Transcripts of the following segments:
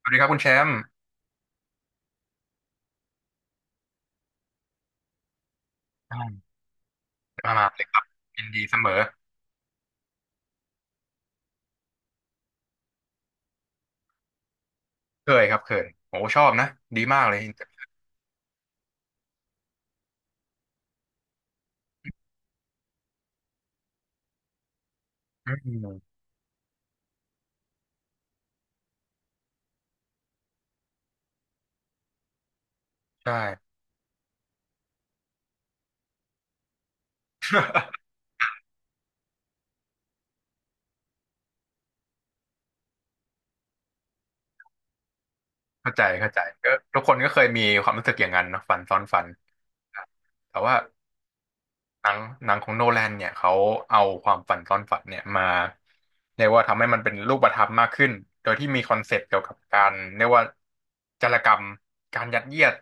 สวัสดีครับคุณแชมป์อ่ามามาเลยครับยินดีเสมอเคยครับเคยโอ้ชอบนะดีมากเลยอืมใช่เข้าใจเข้าใจก็ทุกคนก็เคยมีความรู้สึกอย่างนั้นเนอะฝันซ้อนฝันแต่ว่าหนังหนังของโนแลนเนี่ยเขาเอาความฝันซ้อนฝันเนี่ยมาเรียกว่าทำให้มันเป็นรูปธรรมมากขึ้นโดยที่มีคอนเซปต์เกี่ยวกับการเรียกว่าจารกรรมการยัดเยียด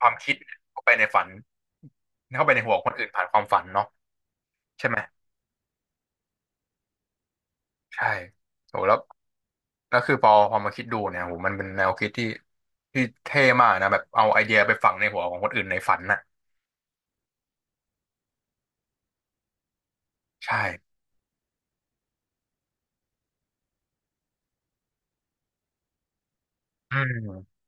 ความคิดเข้าไปในฝันเข้าไปในหัวคนอื่นผ่านความฝันเนาะใช่ไหม ใช่โหแล้วแล้วคือพอพอมาคิดดูเนี่ยโหมันเป็นแนวคิดที่ที่เท่มากนะแบบเอาไอเดียไปฝังในหัวของคนอื่นในฝันน่ะใช่อืม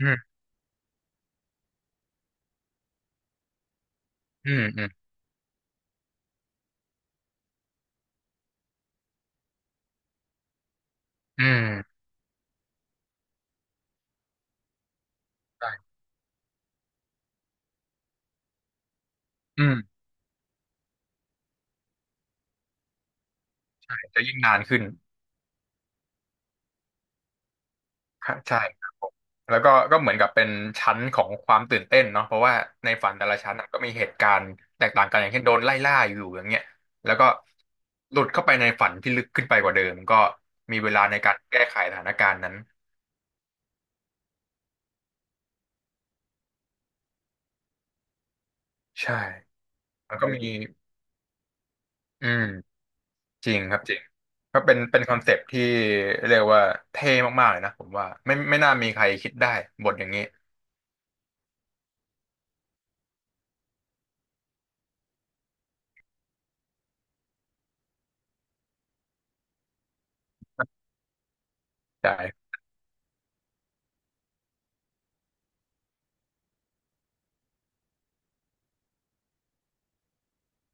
อืมอืมอืมอืมใช่อืมจะยิ่งนานขึ้นครับใช่แล้วก็ก็เหมือนกับเป็นชั้นของความตื่นเต้นเนาะเพราะว่าในฝันแต่ละชั้นน่ะก็มีเหตุการณ์แตกต่างกันอย่างเช่นโดนไล่ล่าอยู่อย่างเงี้ยแล้วก็ หลุดเข้าไปในฝันที่ลึกขึ้นไปกว่าเดิมก็มีเวลาในการแก้ไขสถานการณ์นั้นใช่แล้วก็มีอืม จริงครับจริงก็เป็นเป็นคอนเซปต์ที่เรียกว่าเท่มากๆเลยนะผมว่าไม่ไม่น่ามีใครคิดได้บทอย่างนี้ใช่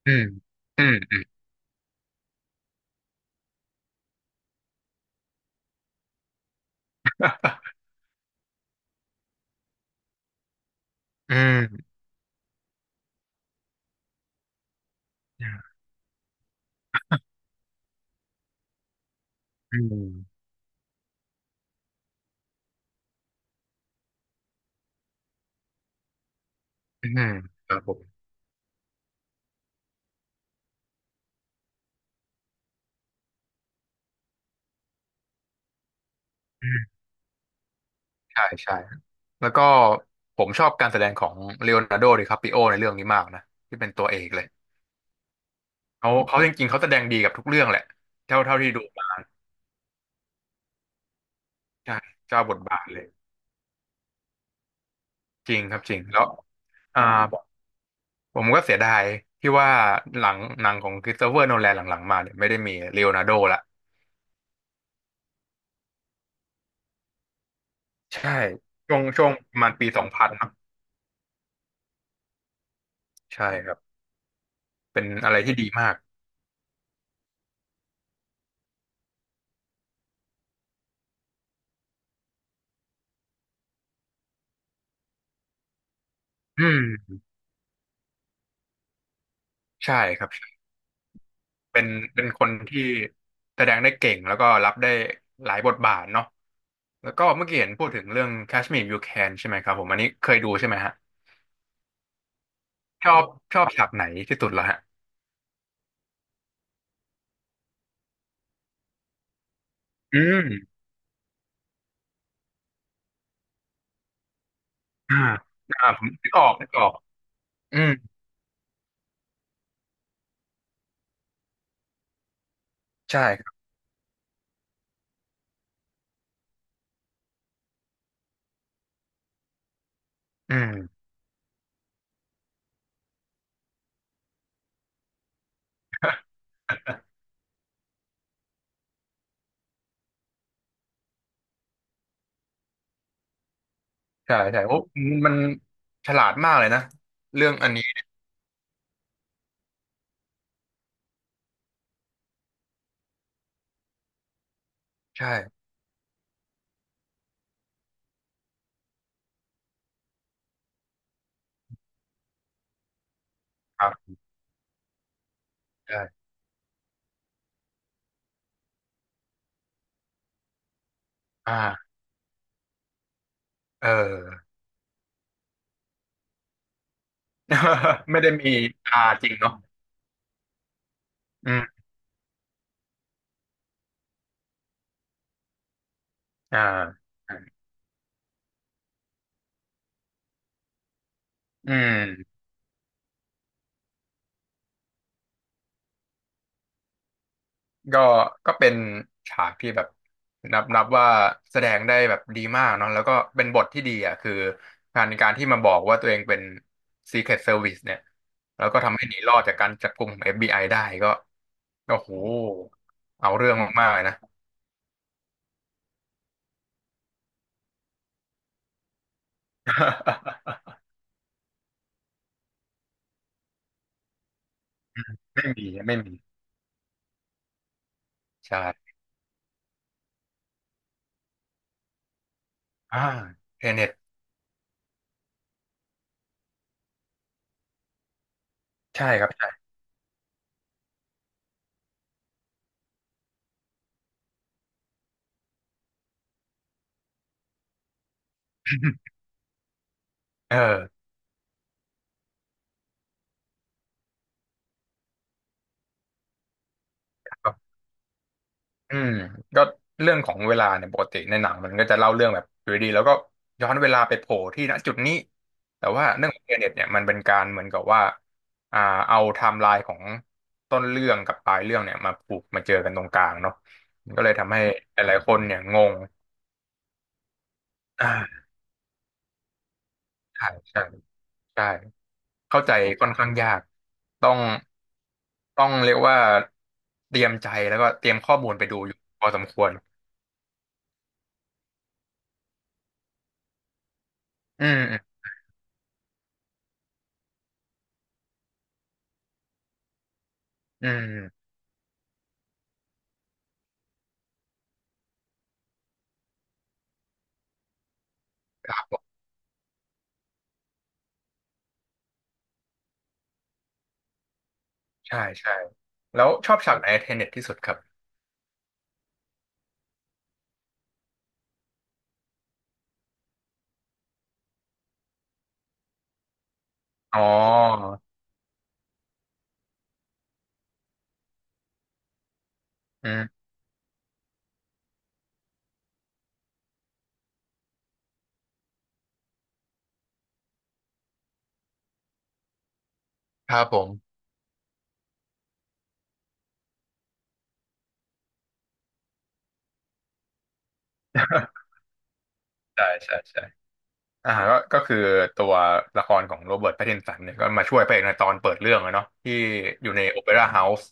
อืมอืม อืมอืมอืมครับผมอืมใช่ใช่แล้วก็ผมชอบการแสดงของเลโอนาร์โดดิคาปิโอในเรื่องนี้มากนะที่เป็นตัวเอกเลยเขาเขาจริงๆเขาแสดงดีกับทุกเรื่องแหละเท่าเท่าที่ดูมาใช่เจ้าบทบาทเลยจริงครับจริงแล้วอ่า ผมก็เสียดายที่ว่าหลังหนังของคริสโตเฟอร์โนแลนหลังๆมาเนี่ยไม่ได้มีเลโอนาร์โดละใช่ช่วงช่วงประมาณปีสองพันครับใช่ครับเป็นอะไรที่ดีมากอืมใช่ครับเป็นเป็นคนที่แสดงได้เก่งแล้วก็รับได้หลายบทบาทเนาะแล้วก็เมื่อกี้เห็นพูดถึงเรื่อง Kashmir You Can ใช่ไหมครับผมอันนี้เคยดูใช่ไหมฮะชอบชอบฉากไหนที่สุดเหรอฮะอืมอ่าอ่าผมนึกออกนึกออกอืมใช่ครับอืม ใช่ใช่โอ้มันฉลาดมากเลยนะเรื่องอันนี้ใช่ครับใช่อ่าเออ ไม่ได้มีตาจริงเนาะอืมอ่าอืมก็ก็เป็นฉากที่แบบนับนับว่าแสดงได้แบบดีมากเนาะแล้วก็เป็นบทที่ดีอ่ะคือการการที่มาบอกว่าตัวเองเป็น Secret Service เนี่ยแล้วก็ทำให้หนีรอดจากการจับกุมของ FBI ไอได้ก็โอ้โหเอาเรื่องมากๆเลยนะ ไม่มีไม่มีใช่อ่าเทเน็ตใช่ครับ เออครับอืมก็เรื่องของเวลาเนี่ยปกติในหนังมันก็จะเล่าเรื่องแบบอยู่ดีๆแล้วก็ย้อนเวลาไปโผล่ที่ณจุดนี้แต่ว่าเรื่องของเทเน็ตเนี่ยมันเป็นการเหมือนกับว่าอ่าเอาไทม์ไลน์ของต้นเรื่องกับปลายเรื่องเนี่ยมาผูกมาเจอกันตรงกลางเนาะมันก็เลยทำให้หลายๆคนเนี่ยงงอ่าใช่ใช่ใช่ เข้าใจค่อนข้างยากต้องต้องเรียกว่าเตรียมใจแล้วก็เตรียมข้อมูลไปดูอยู่พอสมควรอืมอืมอืมครับผมใช่ใช่แล้วชอบฉากไหนเทเน็ตที่สุดครับอ๋ออืมครับผม ใช่ใช่ใช่ก็ก็คือตัวละครของโรเบิร์ตแพตตินสันเนี่ยก็มาช่วยพระเอกในตอนเปิดเรื่องอะเนาะที่อยู่ในโอเปร่าเฮาส์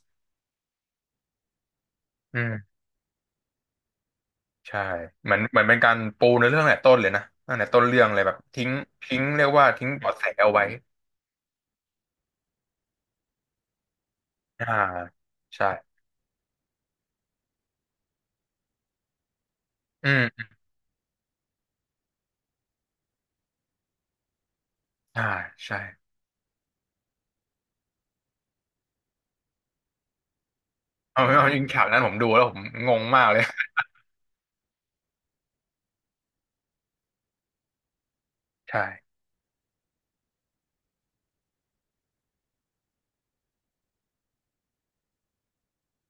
ใช่เหมือนเหมือนเป็นการปูในเรื่องตั้งแต่ต้นเลยนะตั้งแต่ต้นเรื่องเลยแบบทิ้งทิ้งเรียกว่าทิ้งเบาะแสเอาไว้อ่าใช่อืมอ่าใช่เอาเอาจริงฉากนั้นผมดูแล้วผมงงมากเลยใช่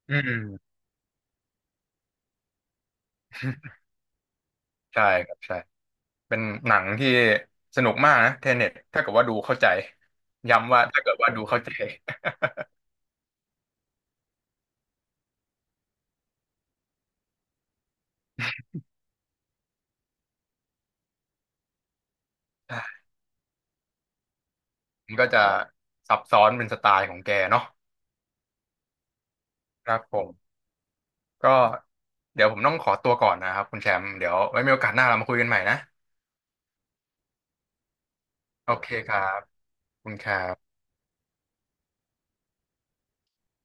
อืม ใช่ครับใช่เป็นหนังที่สนุกมากนะเทเน็ตถ้าเกิดว่าดูเข้าใจย้ำว่าถ้าเกิดว่าดูเข้าใจ อ่มันก็จะซับซ้อนเป็นสไตล์ของแกเนาะครับผมก็เดี๋ยวผมต้องขอตัวก่อนนะครับคุณแชมป์เดี๋ยวไว้มีโอกาสหน้าเรามาคุยกันใหม่นะ โอเคครับขอบคุณครับ